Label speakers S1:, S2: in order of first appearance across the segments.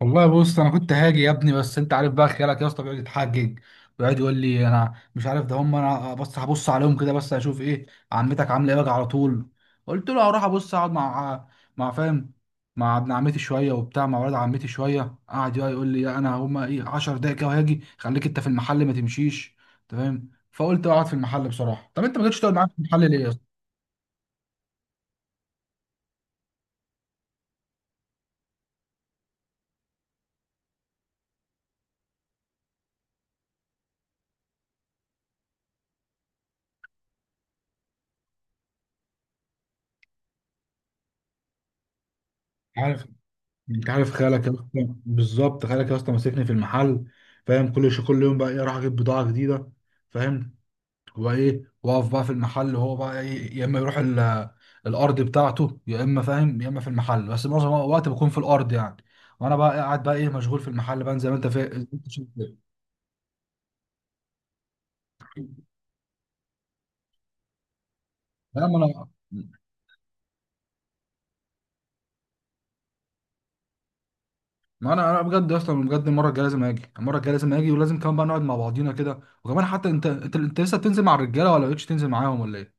S1: والله بص انا كنت هاجي يا ابني، بس انت عارف بقى خيالك يا اسطى بيقعد يتحجج، ويقعد يقول لي انا مش عارف ده. هم انا بس هبص عليهم كده بس اشوف ايه عمتك عامله ايه واجي على طول. قلت له هروح ابص اقعد مع مع فاهم مع ابن عمتي شويه وبتاع، مع ولاد عمتي شويه. قعد يقول لي لا، انا هم ايه، 10 دقايق كده وهاجي، خليك انت في المحل ما تمشيش. انت فاهم؟ فقلت اقعد في المحل بصراحه. طب انت ما جيتش تقعد معايا في المحل ليه يا اسطى؟ عارف انت عارف خالك يا اسطى، بالظبط. خالك يا اسطى ماسكني في المحل، فاهم؟ كل شيء. كل يوم بقى ايه، اروح اجيب بضاعه جديده، فاهم؟ وايه، واقف بقى في المحل، وهو بقى ايه، يا اما يروح الارض بتاعته، يا اما فاهم يا اما في المحل، بس معظم الوقت بكون في الارض يعني. وانا بقى إيه، قاعد بقى ايه، مشغول في المحل بقى، زي ما انت فاهم، زي ما انت شايف كده. لا، ما انا بجد اصلا، بجد المره الجايه لازم اجي، المره الجايه لازم اجي، ولازم كمان بقى نقعد مع بعضينا كده. وكمان حتى انت لسه بتنزل مع الرجاله ولا بقتش تنزل معاهم ولا ايه؟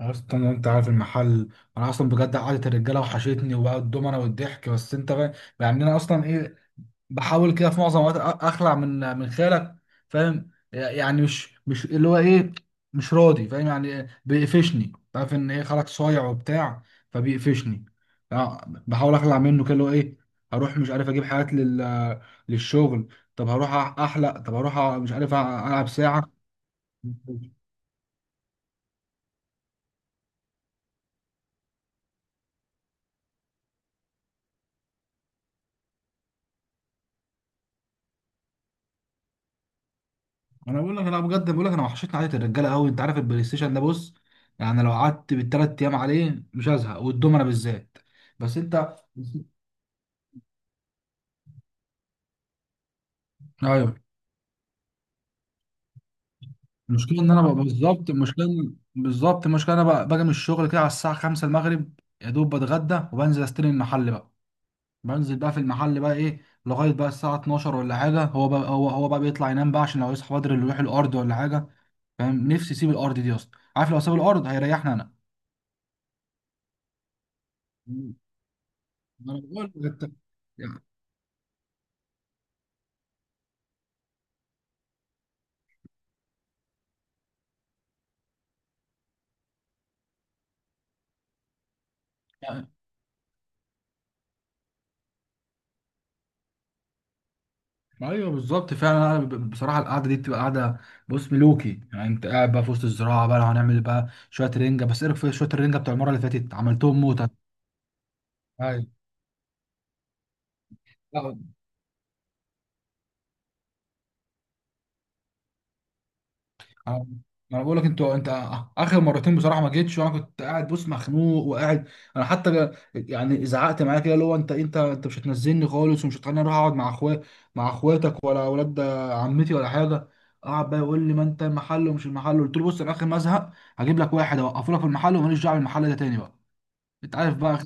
S1: اصلا انت عارف المحل. انا اصلا بجد قعدت الرجاله وحشتني وبقى الدومنه والضحك، بس انت بقى، يعني انا اصلا ايه، بحاول كده في معظم الوقت اخلع من خيالك، فاهم؟ يعني مش اللي هو ايه، مش راضي، فاهم؟ يعني بيقفشني، عارف ان ايه، خالك صايع وبتاع، فبيقفشني. آه، بحاول اخلع منه كده، اللي هو ايه، هروح مش عارف اجيب حاجات للشغل، طب هروح احلق، طب هروح مش عارف العب ساعه. انا بقول لك، انا بجد بقول لك، انا وحشتني قعده الرجاله قوي. انت عارف البلاي ستيشن ده؟ بص، يعني لو قعدت بالثلاث ايام عليه مش هزهق، والدومنه بالذات. بس انت، ايوه، المشكله ان انا بقى بالظبط المشكله بالظبط المشكله انا بقى باجي من الشغل كده على الساعه 5 المغرب. يا دوب بتغدى وبنزل استلم المحل بقى. بنزل بقى في المحل بقى ايه لغايه بقى الساعه 12 ولا حاجه. هو بقى بيطلع ينام بقى، عشان لو يصحى بدري اللي يروح الارض ولا حاجه، فاهم؟ نفسي يسيب الارض دي اصلا، عارف لو ساب الارض هيريحني انا. ما أنا بقول لك، انت ايوه بالظبط. فعلا أنا بصراحه القعده دي بتبقى قعده، بص، ملوكي. يعني انت قاعد بقى في وسط الزراعه بقى، لو هنعمل بقى شويه رنجه، بس ايه رايك في شويه الرنجه بتوع المره اللي فاتت، عملتهم موتة. ايوه أنا، ما انا بقول لك انتوا انت، اخر مرتين بصراحه ما جيتش، وانا كنت قاعد بص، مخنوق وقاعد. انا حتى يعني زعقت معايا كده، اللي هو انت انت مش هتنزلني خالص، ومش هتخليني اروح اقعد مع اخويا، مع اخواتك ولا اولاد عمتي ولا حاجه. قعد بقى يقول لي ما انت المحل ومش المحل. قلت له بص، انا اخر ما ازهق هجيب لك واحد اوقفه لك في المحل، وماليش دعوه بالمحل ده تاني بقى. انت عارف بقى.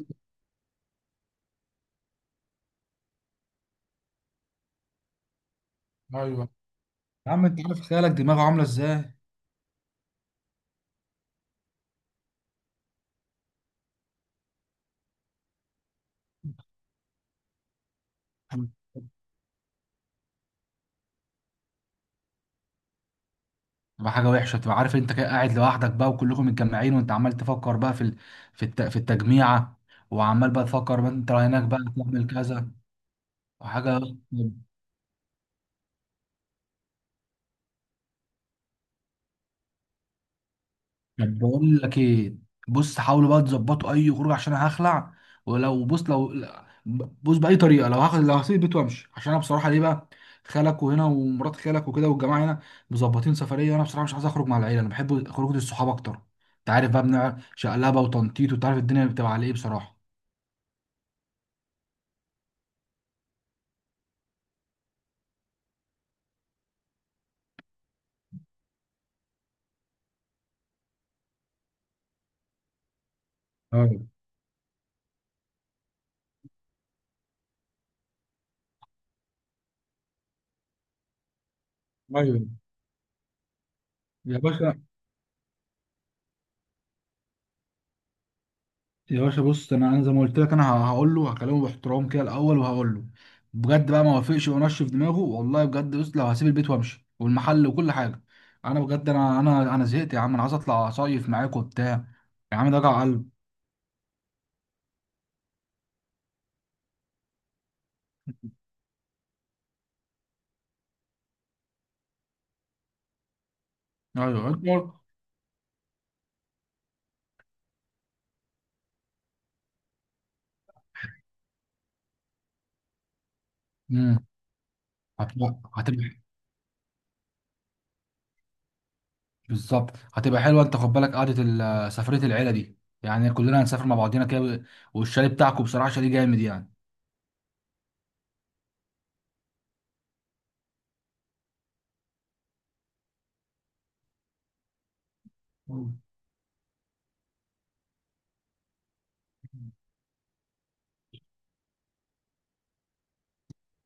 S1: ايوه يا عم، انت عارف خيالك دماغه عامله ازاي. تبقى حاجه وحشه، تبقى عارف انت كده قاعد لوحدك بقى وكلكم متجمعين، وانت عمال تفكر بقى في في في التجميعه، وعمال بقى تفكر بقى انت هناك بقى تعمل كذا وحاجه. طب بقول لك ايه، بص حاولوا بقى تظبطوا اي خروج عشان انا هخلع. ولو بص، لو لا، بص باي طريقه، لو هاخد، لو هسيب البيت وامشي، عشان انا بصراحه ليه بقى، خالك وهنا ومرات خالك وكده والجماعه هنا مظبطين سفريه، وانا بصراحه مش عايز اخرج مع العيله، انا بحب خروج الصحاب اكتر. انت عارف بقى بنع شقلبه وتنطيط، وتعرف الدنيا بتبقى على ايه بصراحه. اه ايوه يا باشا. يا باشا بص، انا زي ما قلت لك، انا هقول له، هكلمه باحترام كده الاول، وهقول له بجد بقى. ما وافقش وانشف دماغه، والله بجد، بص لو هسيب البيت وامشي، والمحل وكل حاجه. انا بجد، انا زهقت يا عم، انا عايز اطلع اصيف معاك وبتاع. يا عم ده وجع قلب. ايوه انت، امم، هتبقى، هتبقى بالظبط هتبقى حلوه. انت خد بالك قعده سفريه العيله دي، يعني كلنا هنسافر مع بعضينا كده. والشاليه بتاعكم بصراحه شاليه جامد يعني.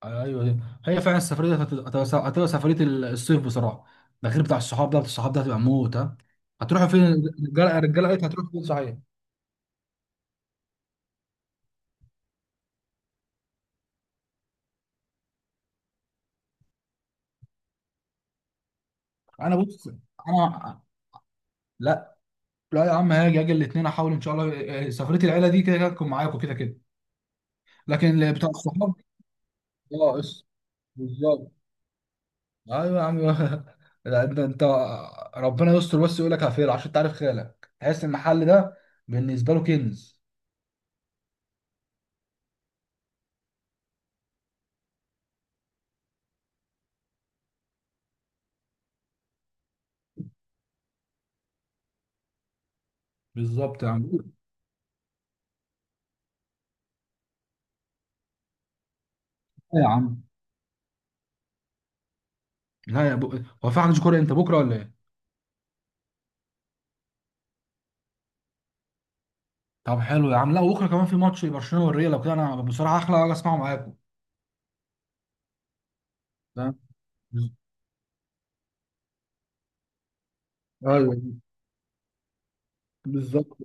S1: ايوه أيوة. هي فعلا السفريه دي هتبقى، هتبقى سفريه الصيف بصراحه. ده غير بتاع الصحاب، ده بتاع الصحاب ده هتبقى موت. ها، هتروحوا فين الرجاله؟ الرجاله قالت هتروحوا فين صحيح؟ انا بص، انا لا. لا يا عم هاجي، اجي الاثنين احاول ان شاء الله إيه، سفريه العيله دي كده كده تكون معاكم كده كده. لكن اللي بتاع الصحاب، اه بالظبط. ايوه يا عم لا، انت ربنا يستر، بس يقول لك هفير عشان تعرف خالك تحس المحل ده بالنسبه له كنز. بالظبط يا عم. إيه يا عم؟ لا يا بو... هو في عندك كوره امتى، بكره ولا ايه؟ طب حلو يا عم. لا بكره كمان في ماتش برشلونه والريال، لو كده انا بصراحه احلى اجي اسمعه معاكم، فاهم؟ ايوه بالظبط.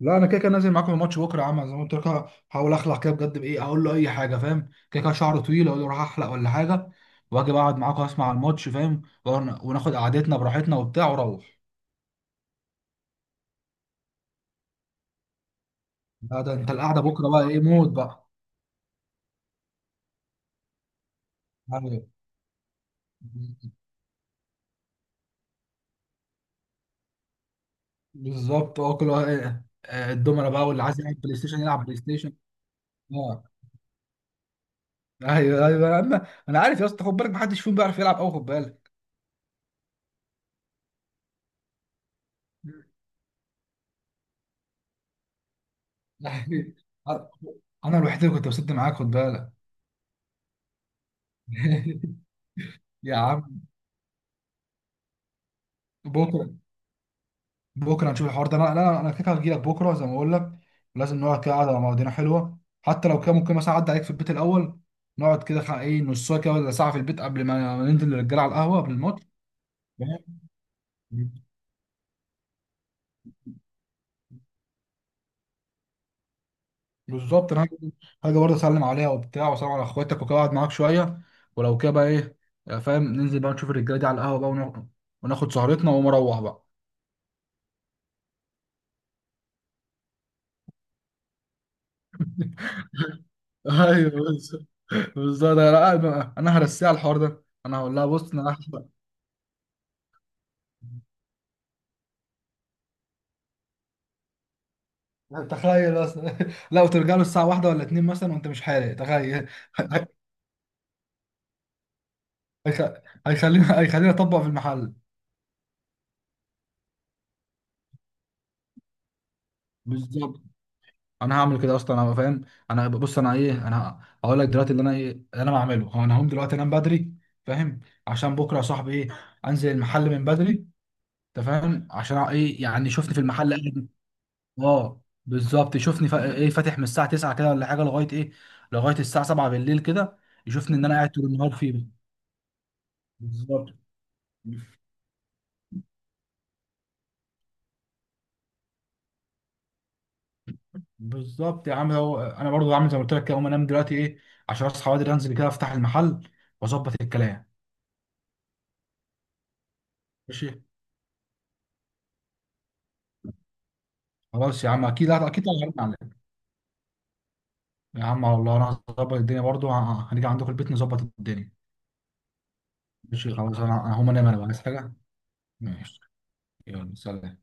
S1: لا انا كده كده نازل معاكم الماتش بكره يا عم، زي ما قلت لك. هحاول اخلع كده بجد، بايه اقول له اي حاجه، فاهم؟ كده كده شعره طويل، اقول له راح احلق ولا حاجه، واجي بقعد معاكم اسمع الماتش، فاهم؟ وناخد قعدتنا براحتنا وبتاع واروح. لا ده انت القعده بكره بقى ايه موت بقى. أيوة. بالظبط، اه آه، الدومنه بقى، واللي عايز يلعب بلاي ستيشن يلعب بلاي ستيشن. آه. ايوه ايوه، انا انا عارف يا اسطى. خد بالك محدش فيهم بيعرف يلعب قوي، خد بالك. يعني انا الوحيد اللي كنت بسد معاك، خد بالك. يا عم بكره، بكره نشوف الحوار ده. انا كده هجي لك بكره زي ما بقول لك. لازم نقعد كده قعده مع بعضنا حلوه، حتى لو كان ممكن مثلا اعدي عليك في البيت الاول، نقعد كده ايه نص ساعه كده ولا ساعه في البيت، قبل ما ننزل للرجاله على القهوه قبل الماتش، فاهم؟ بالظبط انا هاجي، هاجي برضه اسلم عليها وبتاع، واسلم على اخواتك وكده، اقعد معاك شويه. ولو كده بقى ايه، آه، فاهم، ننزل بقى نشوف الرجاله دي على القهوه بقى، وناخد، وناخد سهرتنا، واقوم اروح بقى. ايوه بالظبط. بالظبط انا هرسيها على الحوار ده. انا هقول لها بص انا هحلق. تخيل اصلا. لا وترجع له الساعه واحدة ولا اتنين مثلا وانت مش حالق، تخيل. هيخ- هيخليني اطبق في المحل. بالظبط انا هعمل كده اصلا، انا فاهم. انا بص، انا ايه، انا هقول لك دلوقتي اللي انا ايه، اللي انا بعمله هو انا هقوم دلوقتي انام بدري، فاهم؟ عشان بكره يا صاحبي ايه، انزل المحل من بدري. انت فاهم عشان ايه؟ يعني شوفني في المحل اه بالظبط، شوفني ايه فاتح من الساعه 9 كده ولا حاجه، لغايه ايه، لغايه الساعه 7 بالليل كده، يشوفني ان انا قاعد طول النهار فيه. بالظبط. بالظبط يا عم، هو انا برضو عامل زي ما قلت لك كده، اقوم انام دلوقتي ايه عشان اصحى بدري، انزل كده افتح المحل واظبط الكلام. ماشي، خلاص يا عم، اكيد اكيد هنعرض عليك. يا عم والله انا هظبط الدنيا برضو، هنيجي عندكم البيت نظبط الدنيا. ماشي، خلاص، انا هقوم انام. انا بقى عايز حاجه. ماشي، يلا سلام.